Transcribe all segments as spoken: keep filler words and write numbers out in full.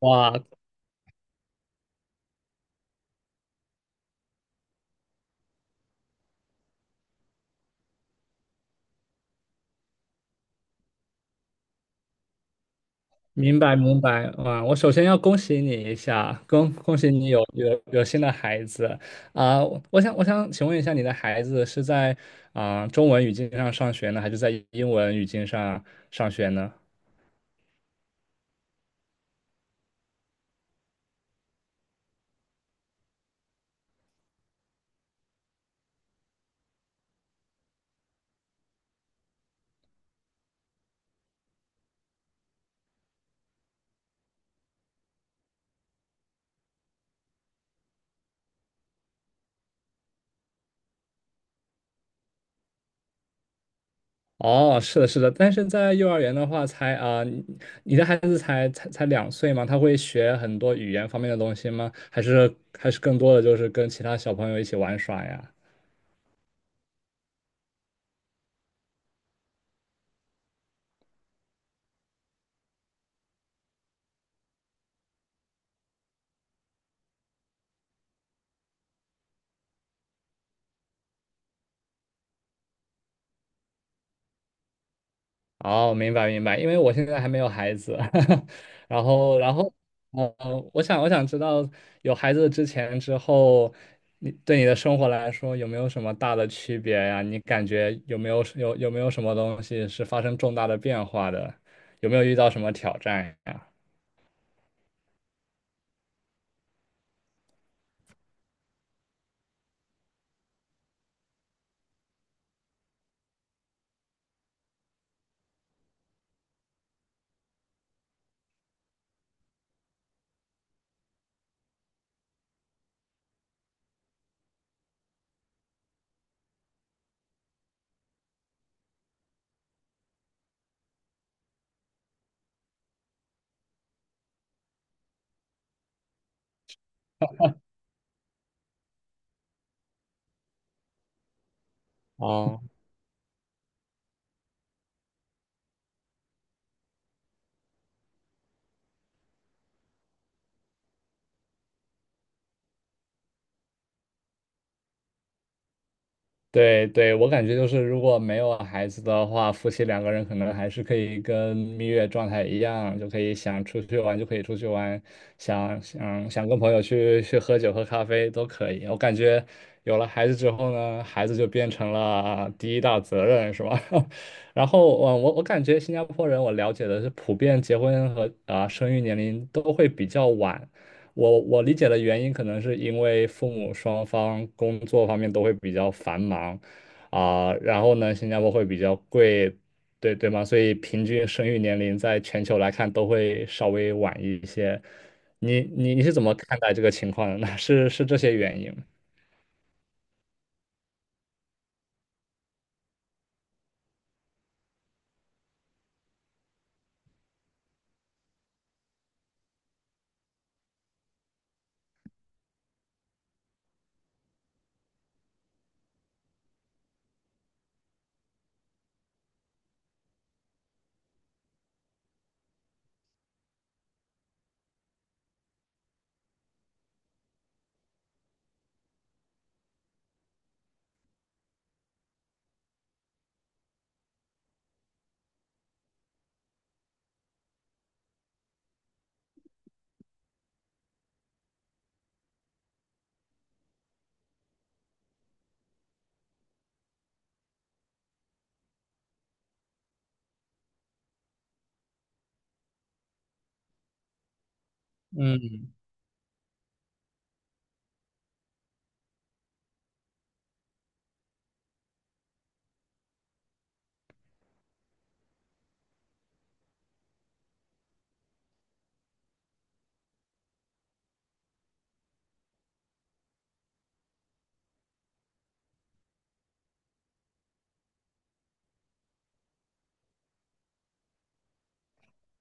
哇，明白明白，哇！我首先要恭喜你一下，恭恭喜你有有有新的孩子啊！我想我想请问一下，你的孩子是在啊、中文语境上上学呢，还是在英文语境上上学呢？哦，是的，是的，但是在幼儿园的话才，啊、你你的孩子才才才两岁嘛，他会学很多语言方面的东西吗？还是还是更多的就是跟其他小朋友一起玩耍呀？哦，明白明白，因为我现在还没有孩子，然后然后，呃，我想我想知道有孩子之前之后，你对你的生活来说有没有什么大的区别呀？你感觉有没有有有没有什么东西是发生重大的变化的？有没有遇到什么挑战呀？哦对对，我感觉就是，如果没有孩子的话，夫妻两个人可能还是可以跟蜜月状态一样，就可以想出去玩就可以出去玩，想想想跟朋友去去喝酒喝咖啡都可以。我感觉有了孩子之后呢，孩子就变成了第一大责任，是吧？然后我我我感觉新加坡人，我了解的是，普遍结婚和啊、生育年龄都会比较晚。我我理解的原因，可能是因为父母双方工作方面都会比较繁忙，啊、然后呢，新加坡会比较贵，对对吗？所以平均生育年龄在全球来看都会稍微晚一些。你你你是怎么看待这个情况的呢？是是这些原因嗯。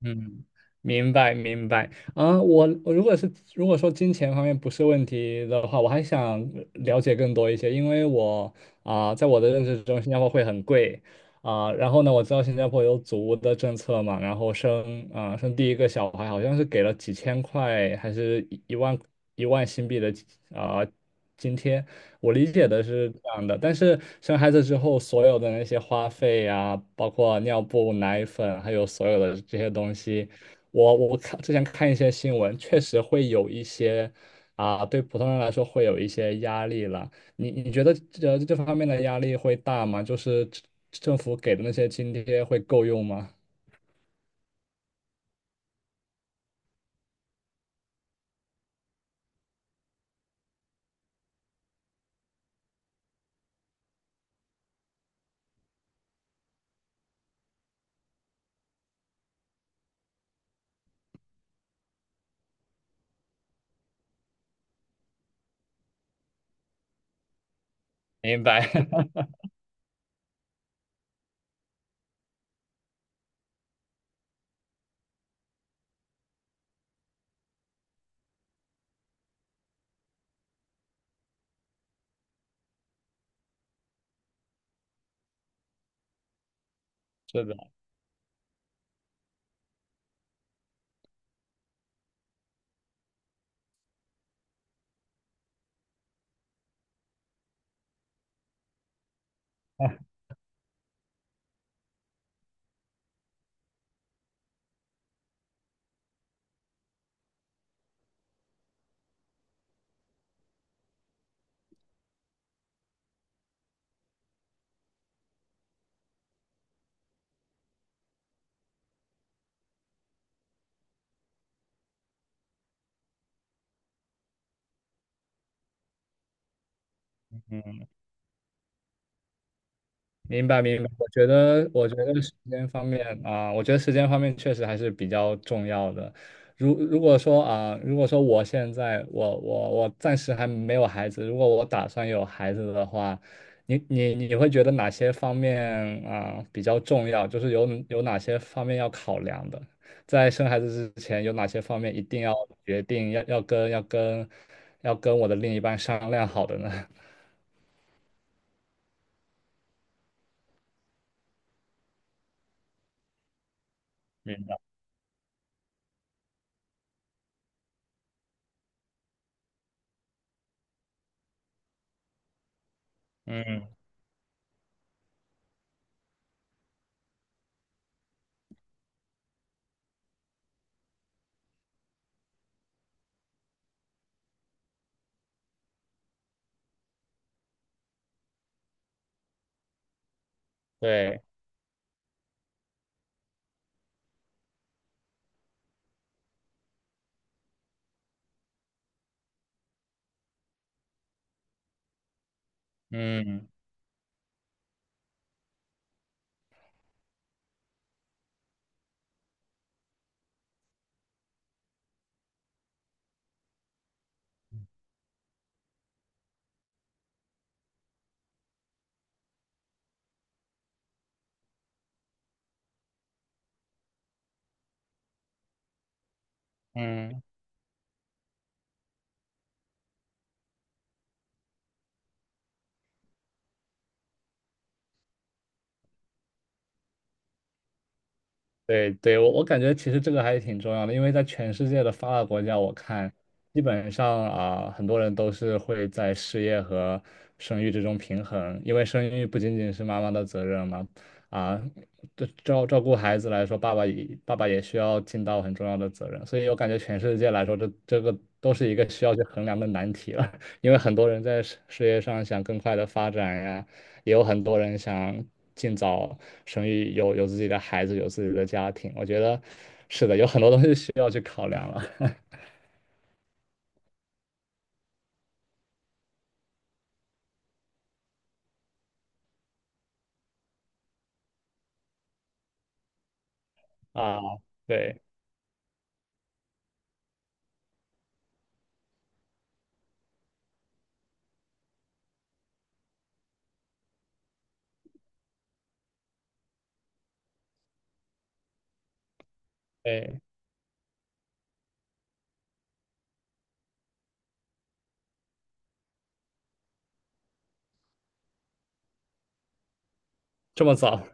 嗯，明白明白。啊、我我如果是如果说金钱方面不是问题的话，我还想了解更多一些，因为我啊、在我的认知中，新加坡会很贵啊、然后呢，我知道新加坡有祖屋的政策嘛，然后生啊、生第一个小孩好像是给了几千块，还是一一万一万新币的啊、津贴。我理解的是这样的，但是生孩子之后，所有的那些花费呀、包括尿布、奶粉，还有所有的这些东西，我我看之前看一些新闻，确实会有一些啊，对普通人来说会有一些压力了。你你觉得这这方面的压力会大吗？就是政政府给的那些津贴会够用吗？明白，是的。明白明白，我觉得我觉得时间方面啊、我觉得时间方面确实还是比较重要的。如如果说啊、如果说我现在我我我暂时还没有孩子，如果我打算有孩子的话，你你你会觉得哪些方面啊、比较重要？就是有有哪些方面要考量的？在生孩子之前，有哪些方面一定要决定要要跟要跟要跟我的另一半商量好的呢？明白，嗯，对，嗯嗯。对对，我我感觉其实这个还挺重要的，因为在全世界的发达国家，我看基本上啊，很多人都是会在事业和生育之中平衡，因为生育不仅仅是妈妈的责任嘛，啊，对照照顾孩子来说，爸爸也爸爸也需要尽到很重要的责任，所以我感觉全世界来说，这这个都是一个需要去衡量的难题了，因为很多人在事事业上想更快的发展呀。也有很多人想尽早生育，有有自己的孩子，有自己的家庭。我觉得是的，有很多东西需要去考量了 啊。对，对，这么早，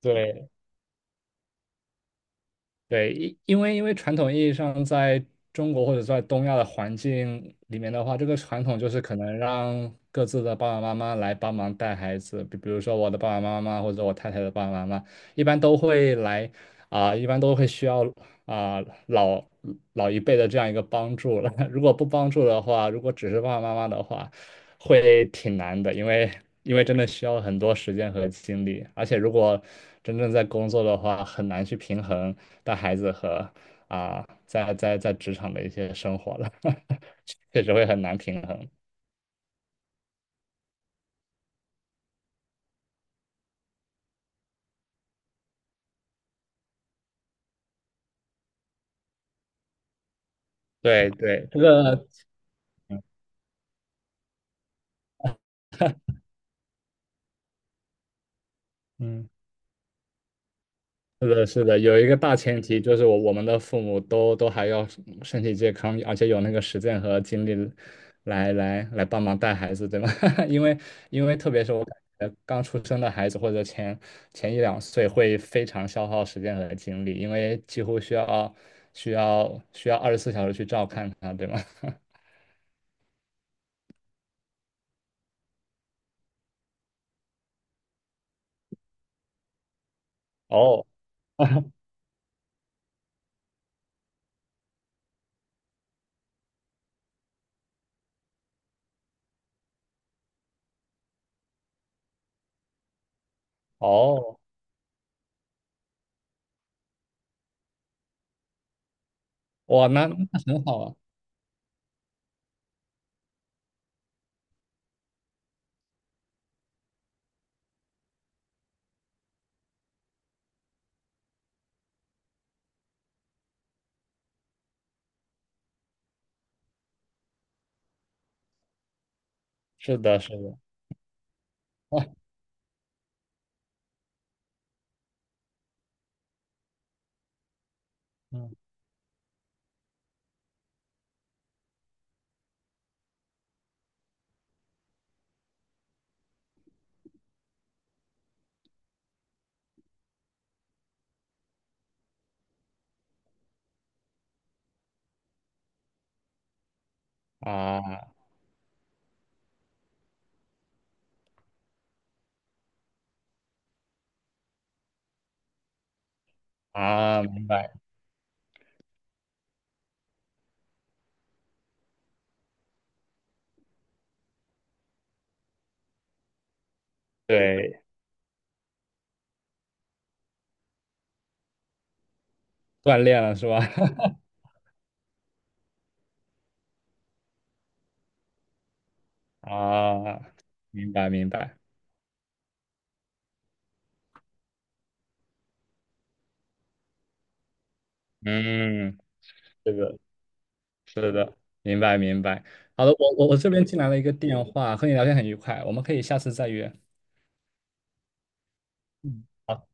对对，因因为因为传统意义上，在中国或者在东亚的环境里面的话，这个传统就是可能让各自的爸爸妈妈来帮忙带孩子，比比如说我的爸爸妈妈或者我太太的爸爸妈妈，一般都会来啊、一般都会需要啊、老老一辈的这样一个帮助了。如果不帮助的话，如果只是爸爸妈妈的话，会挺难的，因为因为真的需要很多时间和精力，而且如果真正在工作的话，很难去平衡带孩子和啊、在在在职场的一些生活了，确实会很难平衡。对对，这个嗯。是的，是的，有一个大前提就是我我们的父母都都还要身体健康，而且有那个时间和精力来来来帮忙带孩子，对吧？因为因为特别是我感觉刚出生的孩子或者前前一两岁会非常消耗时间和精力，因为几乎需要需要需要二十四小时去照看他，对吗？哦 哦，哇，那那很好啊，是的，是的，哇嗯啊啊，明白，对。锻炼了是吧？啊，明白明白，嗯，这个是的，明白明白。好的，我我我这边进来了一个电话，和你聊天很愉快，我们可以下次再约。嗯，好